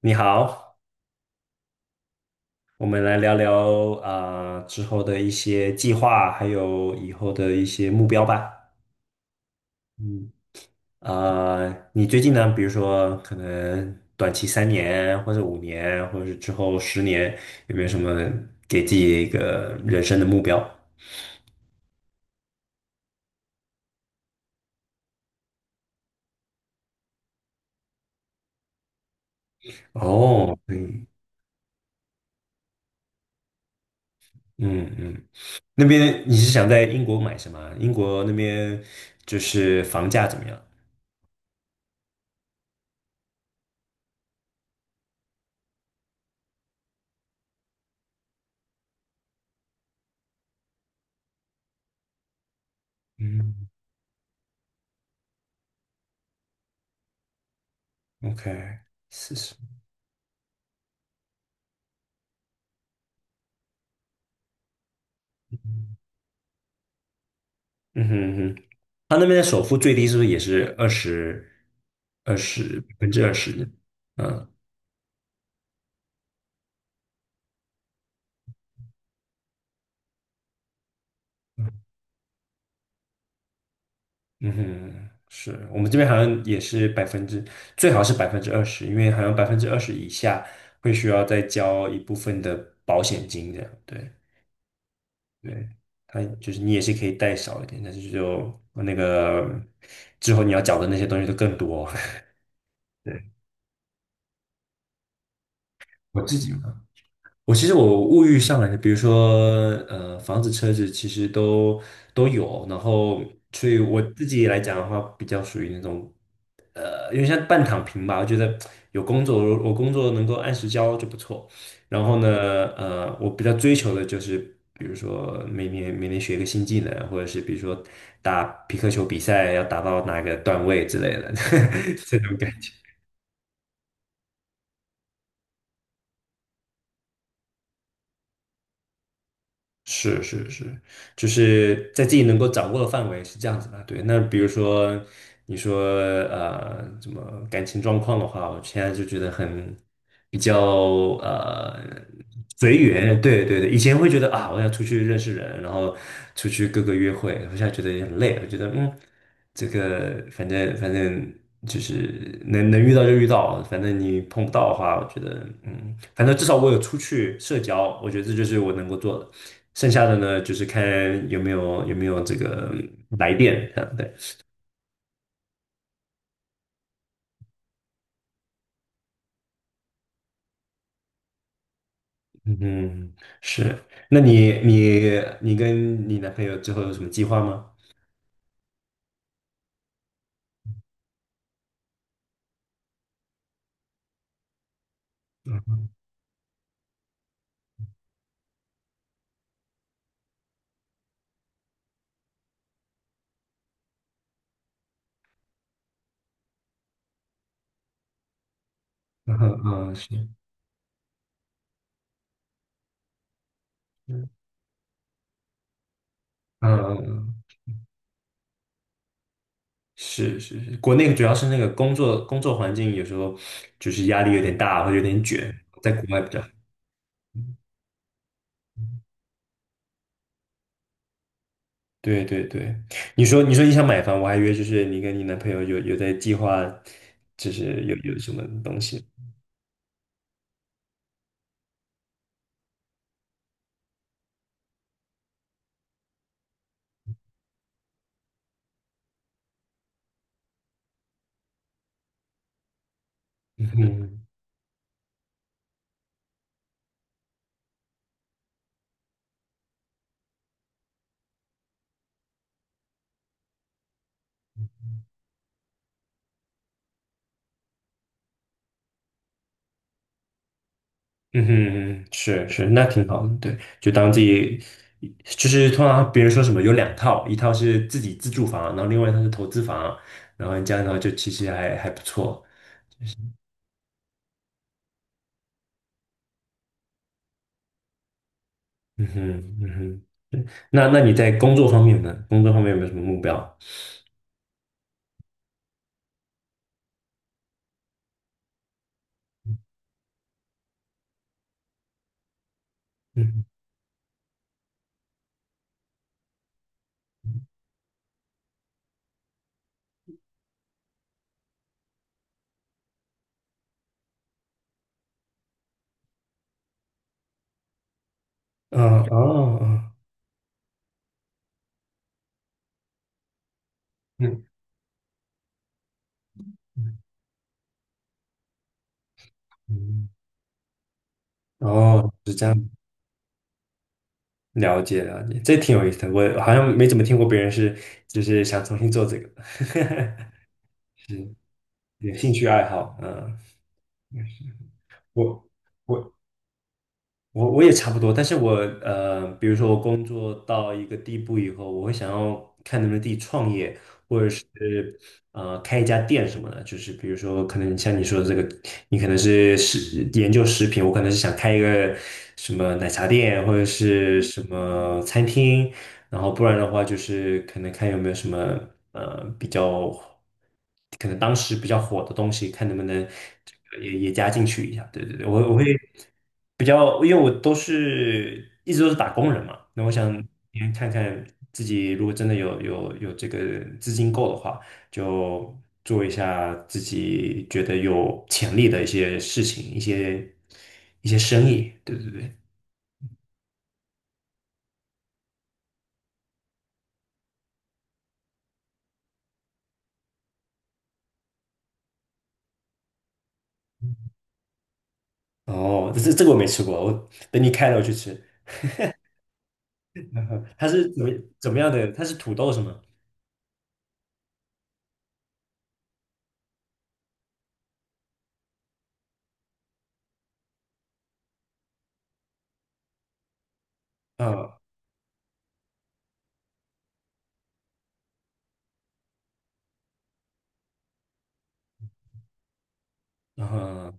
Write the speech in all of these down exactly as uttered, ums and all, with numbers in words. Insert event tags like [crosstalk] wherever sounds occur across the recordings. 你好，我们来聊聊啊、呃之后的一些计划，还有以后的一些目标吧。嗯，啊，你最近呢，比如说可能短期三年，或者五年，或者是之后十年，有没有什么给自己一个人生的目标？哦，嗯嗯嗯，那边你是想在英国买什么？英国那边就是房价怎么样？嗯，OK，四十。嗯哼。他那边的首付最低是不是也是二十二十百分之二十？嗯。嗯哼，是我们这边好像也是百分之，最好是百分之二十，因为好像百分之二十以下会需要再交一部分的保险金这样。对。对，他就是你也是可以贷少一点，但是就那个之后你要缴的那些东西都更多。[laughs] 对，我自己嘛。我其实我物欲上来的，比如说呃房子、车子，其实都都有。然后，所以我自己来讲的话，比较属于那种呃，有点像半躺平吧。我觉得有工作，我工作能够按时交就不错。然后呢，呃，我比较追求的就是，比如说每年每年学一个新技能，或者是比如说打皮克球比赛要达到哪个段位之类的 [laughs] 这种感觉。是是是，就是在自己能够掌握的范围是这样子的。对，那比如说你说呃，怎么感情状况的话，我现在就觉得很比较呃随缘。对对对，以前会觉得啊，我要出去认识人，然后出去各个约会，我现在觉得也很累。我觉得嗯，这个反正反正就是能能遇到就遇到，反正你碰不到的话，我觉得嗯，反正至少我有出去社交，我觉得这就是我能够做的。剩下的呢，就是看有没有有没有这个来电，这样对，嗯，是。那你你你跟你男朋友之后有什么计划吗？嗯哼。嗯哼。嗯，是。嗯。嗯。嗯。是是是，国内主要是那个工作工作环境有时候就是压力有点大，或者有点卷，在国外比较好。对对对，你说你说你想买房，我还以为就是你跟你男朋友有有在计划，就是有有什么东西。嗯。嗯哼，是是，那挺好的，对，就当自己，就是通常别人说什么有两套，一套是自己自住房，然后另外一套是投资房，然后你这样的话就其实还还不错。嗯哼。嗯哼，对，那那你在工作方面呢？工作方面有没有什么目标？嗯，啊哦。哦。嗯。嗯。嗯，哦，是这样，了解了解，这挺有意思的，我好像没怎么听过别人是就是想重新做这个，[laughs] 是有兴趣爱好，嗯。我我我我也差不多，但是我呃，比如说我工作到一个地步以后，我会想要看能不能自己创业，或者是呃开一家店什么的。就是比如说，可能像你说的这个，你可能是食研究食品，我可能是想开一个什么奶茶店或者是什么餐厅，然后不然的话就是可能看有没有什么呃比较可能当时比较火的东西，看能不能这个也也加进去一下。对对对，我我会比较，因为我都是一直都是打工人嘛，那我想先看看自己如果真的有有有这个资金够的话，就做一下自己觉得有潜力的一些事情，一些一些生意。对对对。哦，这这个我没吃过，我等你开了我去吃。嗯，它是怎么怎么样的？它是土豆是吗？嗯。嗯。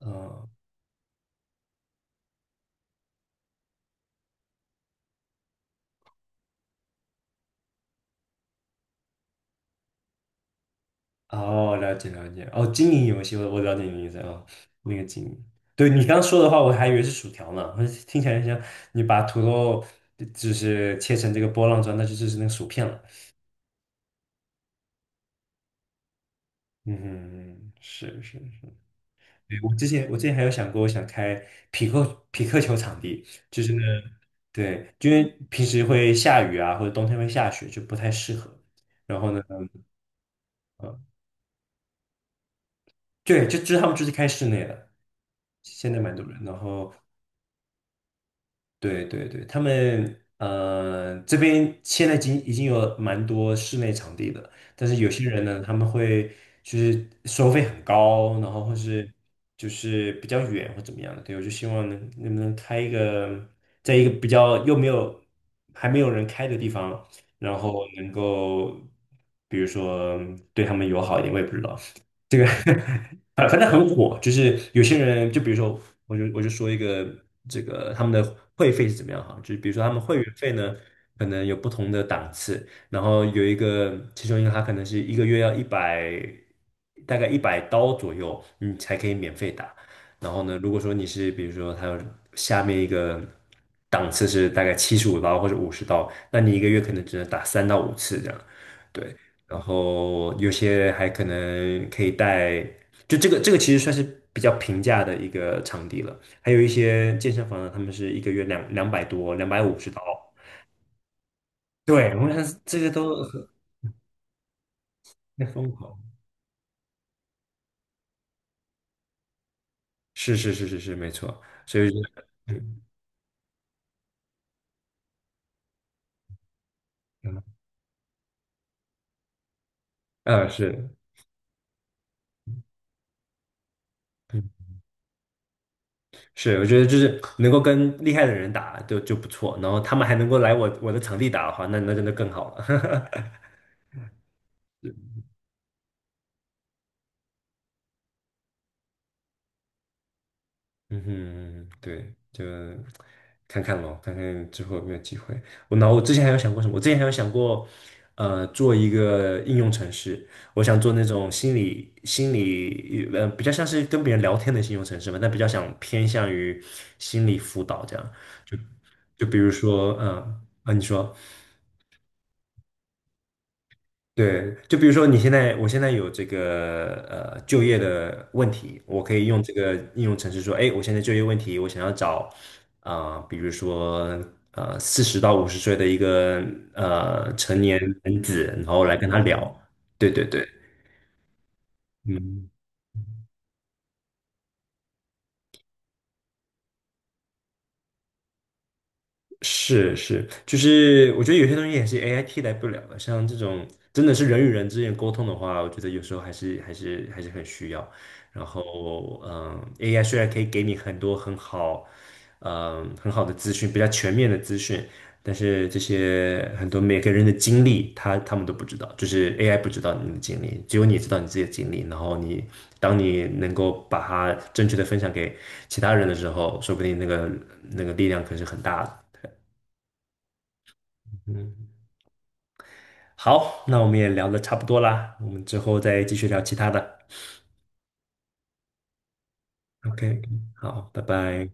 嗯，呃哦，了解了解。哦，经营游戏，我我了解你的意思啊、哦，那个经营。对你刚说的话，我还以为是薯条呢，我听起来像你把土豆呃就是切成这个波浪状，那就就是那个薯片了。嗯，是是是。对，我之前我之前还有想过，我想开匹克匹克球场地，就是那。对，因为平时会下雨啊，或者冬天会下雪，就不太适合。然后呢？嗯。对，就就是他们就是开室内的，现在蛮多人。然后，对对对，他们呃这边现在已经已经有蛮多室内场地的，但是有些人呢，他们会就是收费很高，然后或是就是比较远或怎么样的。对，我就希望能能不能开一个，在一个比较又没有还没有人开的地方，然后能够比如说对他们友好一点，我也不知道。这个。啊，反正很火，就是有些人，就比如说，我就我就说一个这个他们的会费是怎么样哈，就是比如说他们会员费呢，可能有不同的档次，然后有一个其中一个他可能是一个月要一百，大概一百刀左右，你才可以免费打。然后呢，如果说你是比如说还有下面一个档次是大概七十五刀或者五十刀，那你一个月可能只能打三到五次这样，对。然后有些还可能可以带。就这个这个其实算是比较平价的一个场地了。还有一些健身房呢，他们是一个月两两百多，两百五十刀。对，我想这个都很很疯狂。是是是是是，没错。所以就嗯呃是嗯是，我觉得就是能够跟厉害的人打就就不错，然后他们还能够来我我的场地打的话，那那真的更好了。[laughs] 嗯哼，对，就看看咯，看看之后有没有机会。我脑，我之前还有想过什么？我之前还有想过，呃，做一个应用程式。我想做那种心理心理，呃，比较像是跟别人聊天的应用程式嘛，但比较想偏向于心理辅导这样。就就比如说，嗯、啊，你说。对，就比如说你现在，我现在有这个呃就业的问题，我可以用这个应用程式说，哎，我现在就业问题，我想要找啊、呃比如说呃四十到五十岁的一个呃成年男子，然后来跟他聊。对对对，嗯。是是，就是我觉得有些东西也是 A I 替代不了的，像这种真的是人与人之间沟通的话，我觉得有时候还是还是还是很需要。然后，嗯，A I 虽然可以给你很多很好，嗯，很好的资讯，比较全面的资讯，但是这些很多每个人的经历，他他们都不知道，就是 A I 不知道你的经历，只有你知道你自己的经历。然后你当你能够把它正确的分享给其他人的时候，说不定那个那个力量可是很大的。嗯，好，那我们也聊得差不多啦，我们之后再继续聊其他的。OK，好，拜拜。